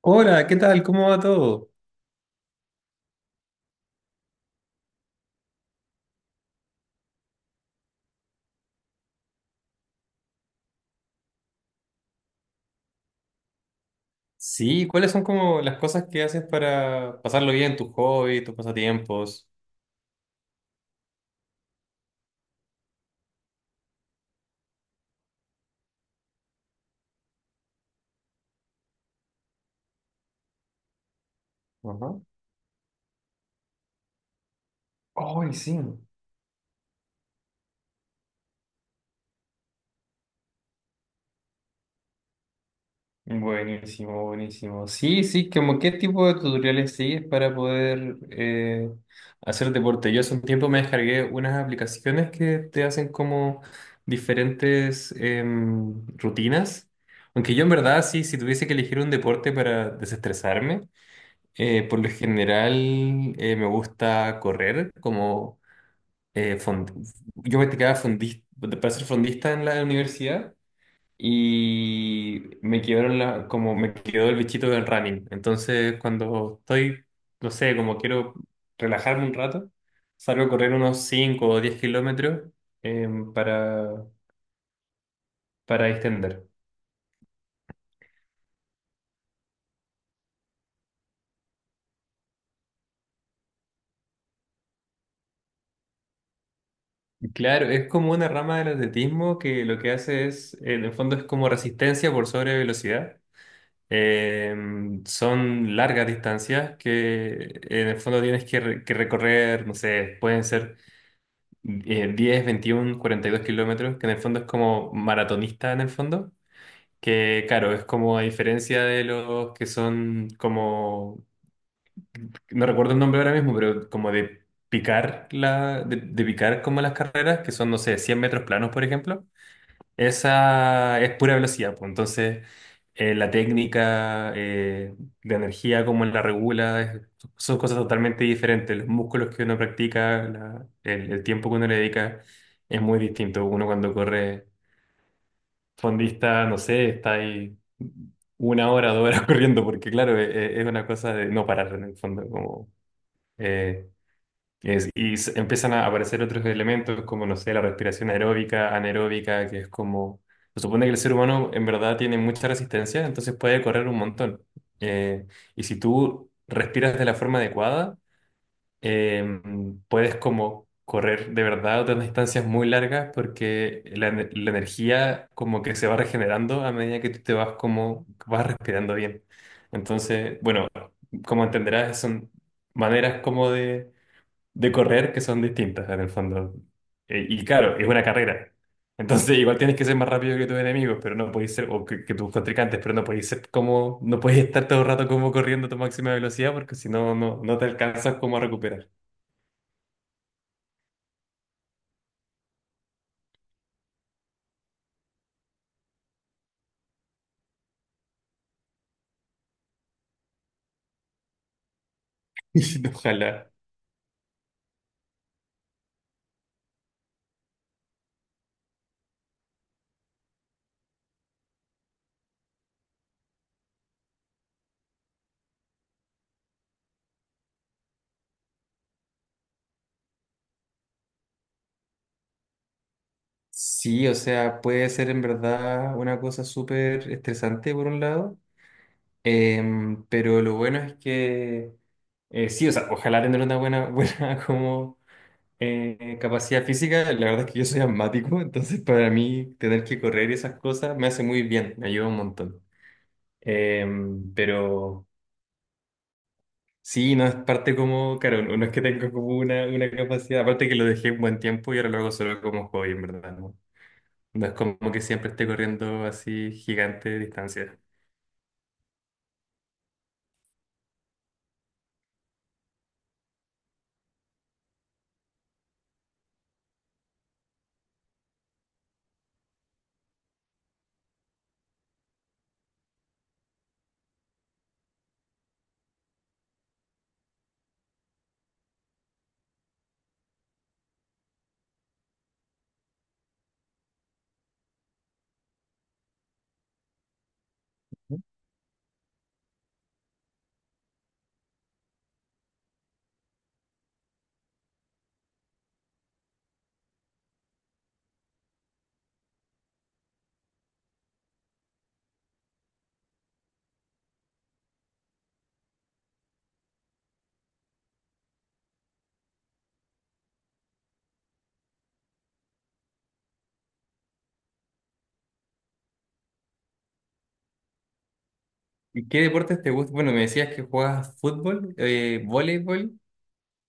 Hola, ¿qué tal? ¿Cómo va todo? Sí, ¿cuáles son como las cosas que haces para pasarlo bien, tus hobbies, tus pasatiempos? Ajá. Ay, sí. Buenísimo, buenísimo. Sí, sí, como qué tipo de tutoriales sigues para poder hacer deporte. Yo hace un tiempo me descargué unas aplicaciones que te hacen como diferentes rutinas. Aunque yo en verdad sí, si tuviese que elegir un deporte para desestresarme, por lo general me gusta correr, como eh, fond- yo practicaba fondista, para ser fondista en la universidad y me quedaron como me quedó el bichito del running. Entonces cuando estoy, no sé, como quiero relajarme un rato, salgo a correr unos 5 o 10 kilómetros eh, para, para distender. Claro, es como una rama del atletismo que lo que hace es, en el fondo es como resistencia por sobre velocidad. Son largas distancias que en el fondo que recorrer, no sé, pueden ser 10, 21, 42 kilómetros, que en el fondo es como maratonista en el fondo, que claro, es como a diferencia de los que son como, no recuerdo el nombre ahora mismo, pero como de de picar como las carreras, que son, no sé, 100 metros planos, por ejemplo. Esa es pura velocidad, pues. Entonces, la técnica de energía, cómo la regula, son cosas totalmente diferentes. Los músculos que uno practica, el tiempo que uno le dedica, es muy distinto. Uno cuando corre fondista, no sé, está ahí 1 hora, 2 horas corriendo, porque claro, es, una cosa de no parar en el fondo, como eh, empiezan a aparecer otros elementos como, no sé, la respiración aeróbica, anaeróbica, que es como... Se supone que el ser humano en verdad tiene mucha resistencia, entonces puede correr un montón. Eh, y si tú respiras de la forma adecuada, eh, puedes como correr de verdad otras distancias muy largas porque la energía como que se va regenerando a medida que tú te vas como vas respirando bien. Entonces, bueno, como entenderás, son maneras como de correr que son distintas en el fondo. Y claro, es una carrera. Entonces igual tienes que ser más rápido que tus enemigos, pero no podéis ser, que tus contrincantes, pero no podéis ser como, no podéis estar todo el rato como corriendo a tu máxima velocidad porque si no, no te alcanzas como a recuperar. Ojalá. Sí, o sea, puede ser en verdad una cosa súper estresante por un lado, pero lo bueno es que sí, o sea, ojalá tener una buena, buena como. Capacidad física, la verdad es que yo soy asmático, entonces para mí tener que correr y esas cosas me hace muy bien, me ayuda un montón. Eh, pero sí, no es parte como, claro, no es que tenga como una capacidad, aparte que lo dejé un buen tiempo y ahora lo hago solo como hobby, en verdad, ¿no? No es como que siempre esté corriendo así gigante de distancia. ¿Y qué deportes te gustan? Bueno, me decías que juegas fútbol, voleibol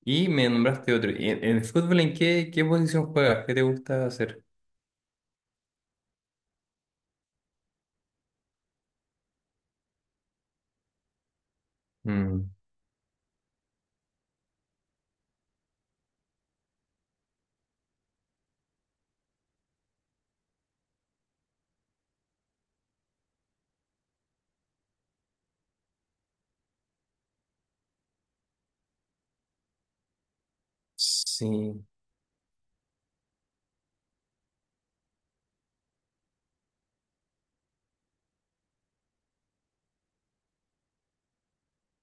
y me nombraste otro. ¿Y en el fútbol en qué, qué posición juegas? ¿Qué te gusta hacer? Mm. Sí,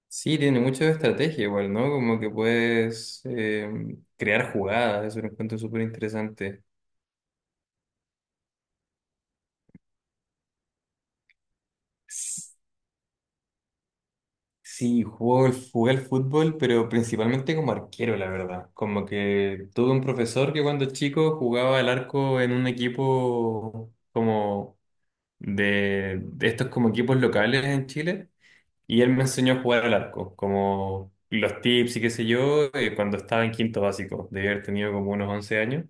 sí, tiene mucho de estrategia igual, ¿no? Como que puedes crear jugadas, eso lo encuentro súper interesante. S- Sí, juego, jugué al fútbol, pero principalmente como arquero, la verdad. Como que tuve un profesor que cuando chico jugaba al arco en un equipo como de estos como equipos locales en Chile, y él me enseñó a jugar al arco, como los tips y qué sé yo, cuando estaba en quinto básico, debía haber tenido como unos 11 años.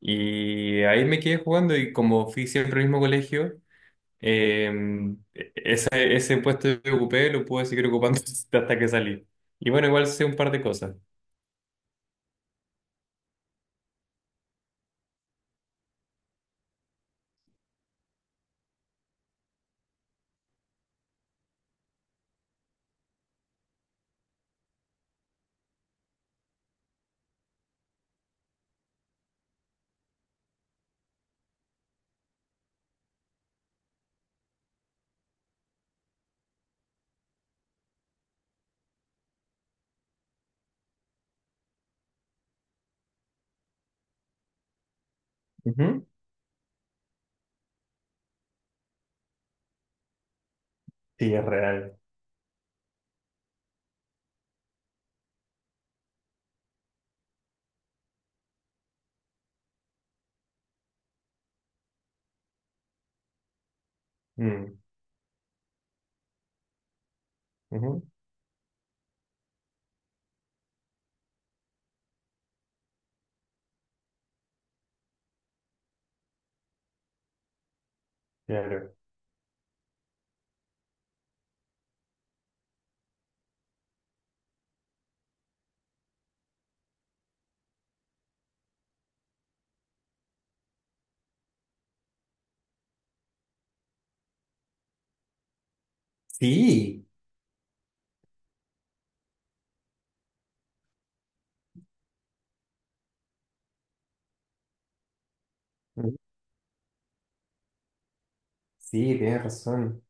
Y ahí me quedé jugando y como fui siempre al mismo colegio, eh, ese, ese puesto que ocupé lo pude seguir ocupando hasta que salí. Y bueno, igual sé un par de cosas. Ujú. Sí, es real. Mm, ujú. Claro. Sí, mm, sí, tienes razón.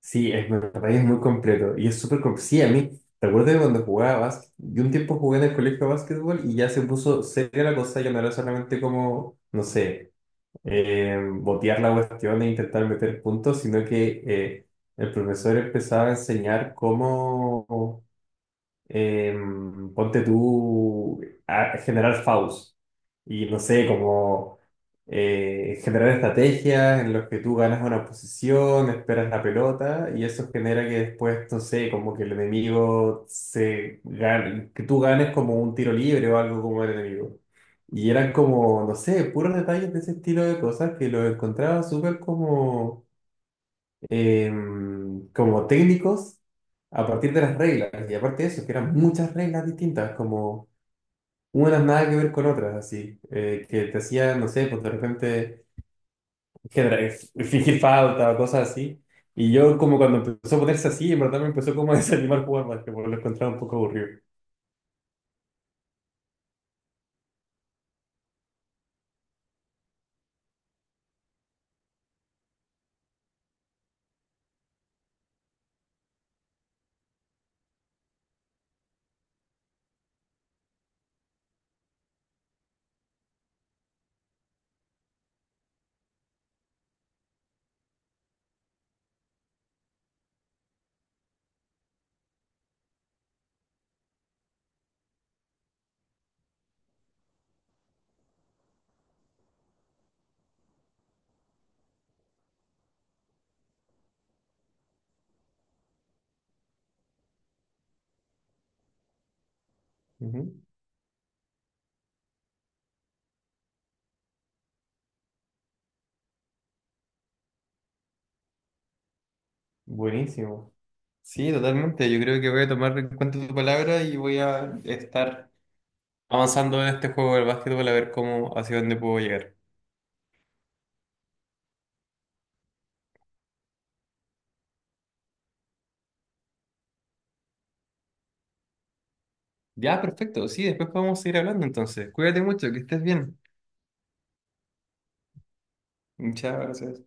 Sí, es verdad, es muy completo. Y es súper completo. Sí, a mí, recuerdo que cuando jugaba básquet, yo un tiempo jugué en el colegio de básquetbol y ya se puso seria la cosa, ya no era solamente como, no sé. Botear la cuestión e intentar meter puntos, sino que el profesor empezaba a enseñar cómo eh, ponte tú a generar faus y no sé, como generar estrategias en las que tú ganas una posición, esperas la pelota y eso genera que después, no sé, como que el enemigo se gane, que tú ganes como un tiro libre o algo como el enemigo. Y eran como, no sé, puros detalles de ese estilo de cosas que lo encontraba súper como como técnicos a partir de las reglas. Y aparte de eso, que eran muchas reglas distintas, como unas nada que ver con otras, así, que te hacían, no sé, pues de repente genera- fingir falta o cosas así. Y yo como cuando empezó a ponerse así, en verdad me empezó como a desanimar jugar básquetbol, lo encontraba un poco aburrido. Ujú. Buenísimo. Sí, totalmente. Yo creo que voy a tomar en cuenta tu palabra y voy a estar avanzando en este juego del básquetbol a ver cómo, hacia dónde puedo llegar. Ya, perfecto. Sí, después podemos seguir hablando entonces. Cuídate mucho, que estés bien. Muchas gracias.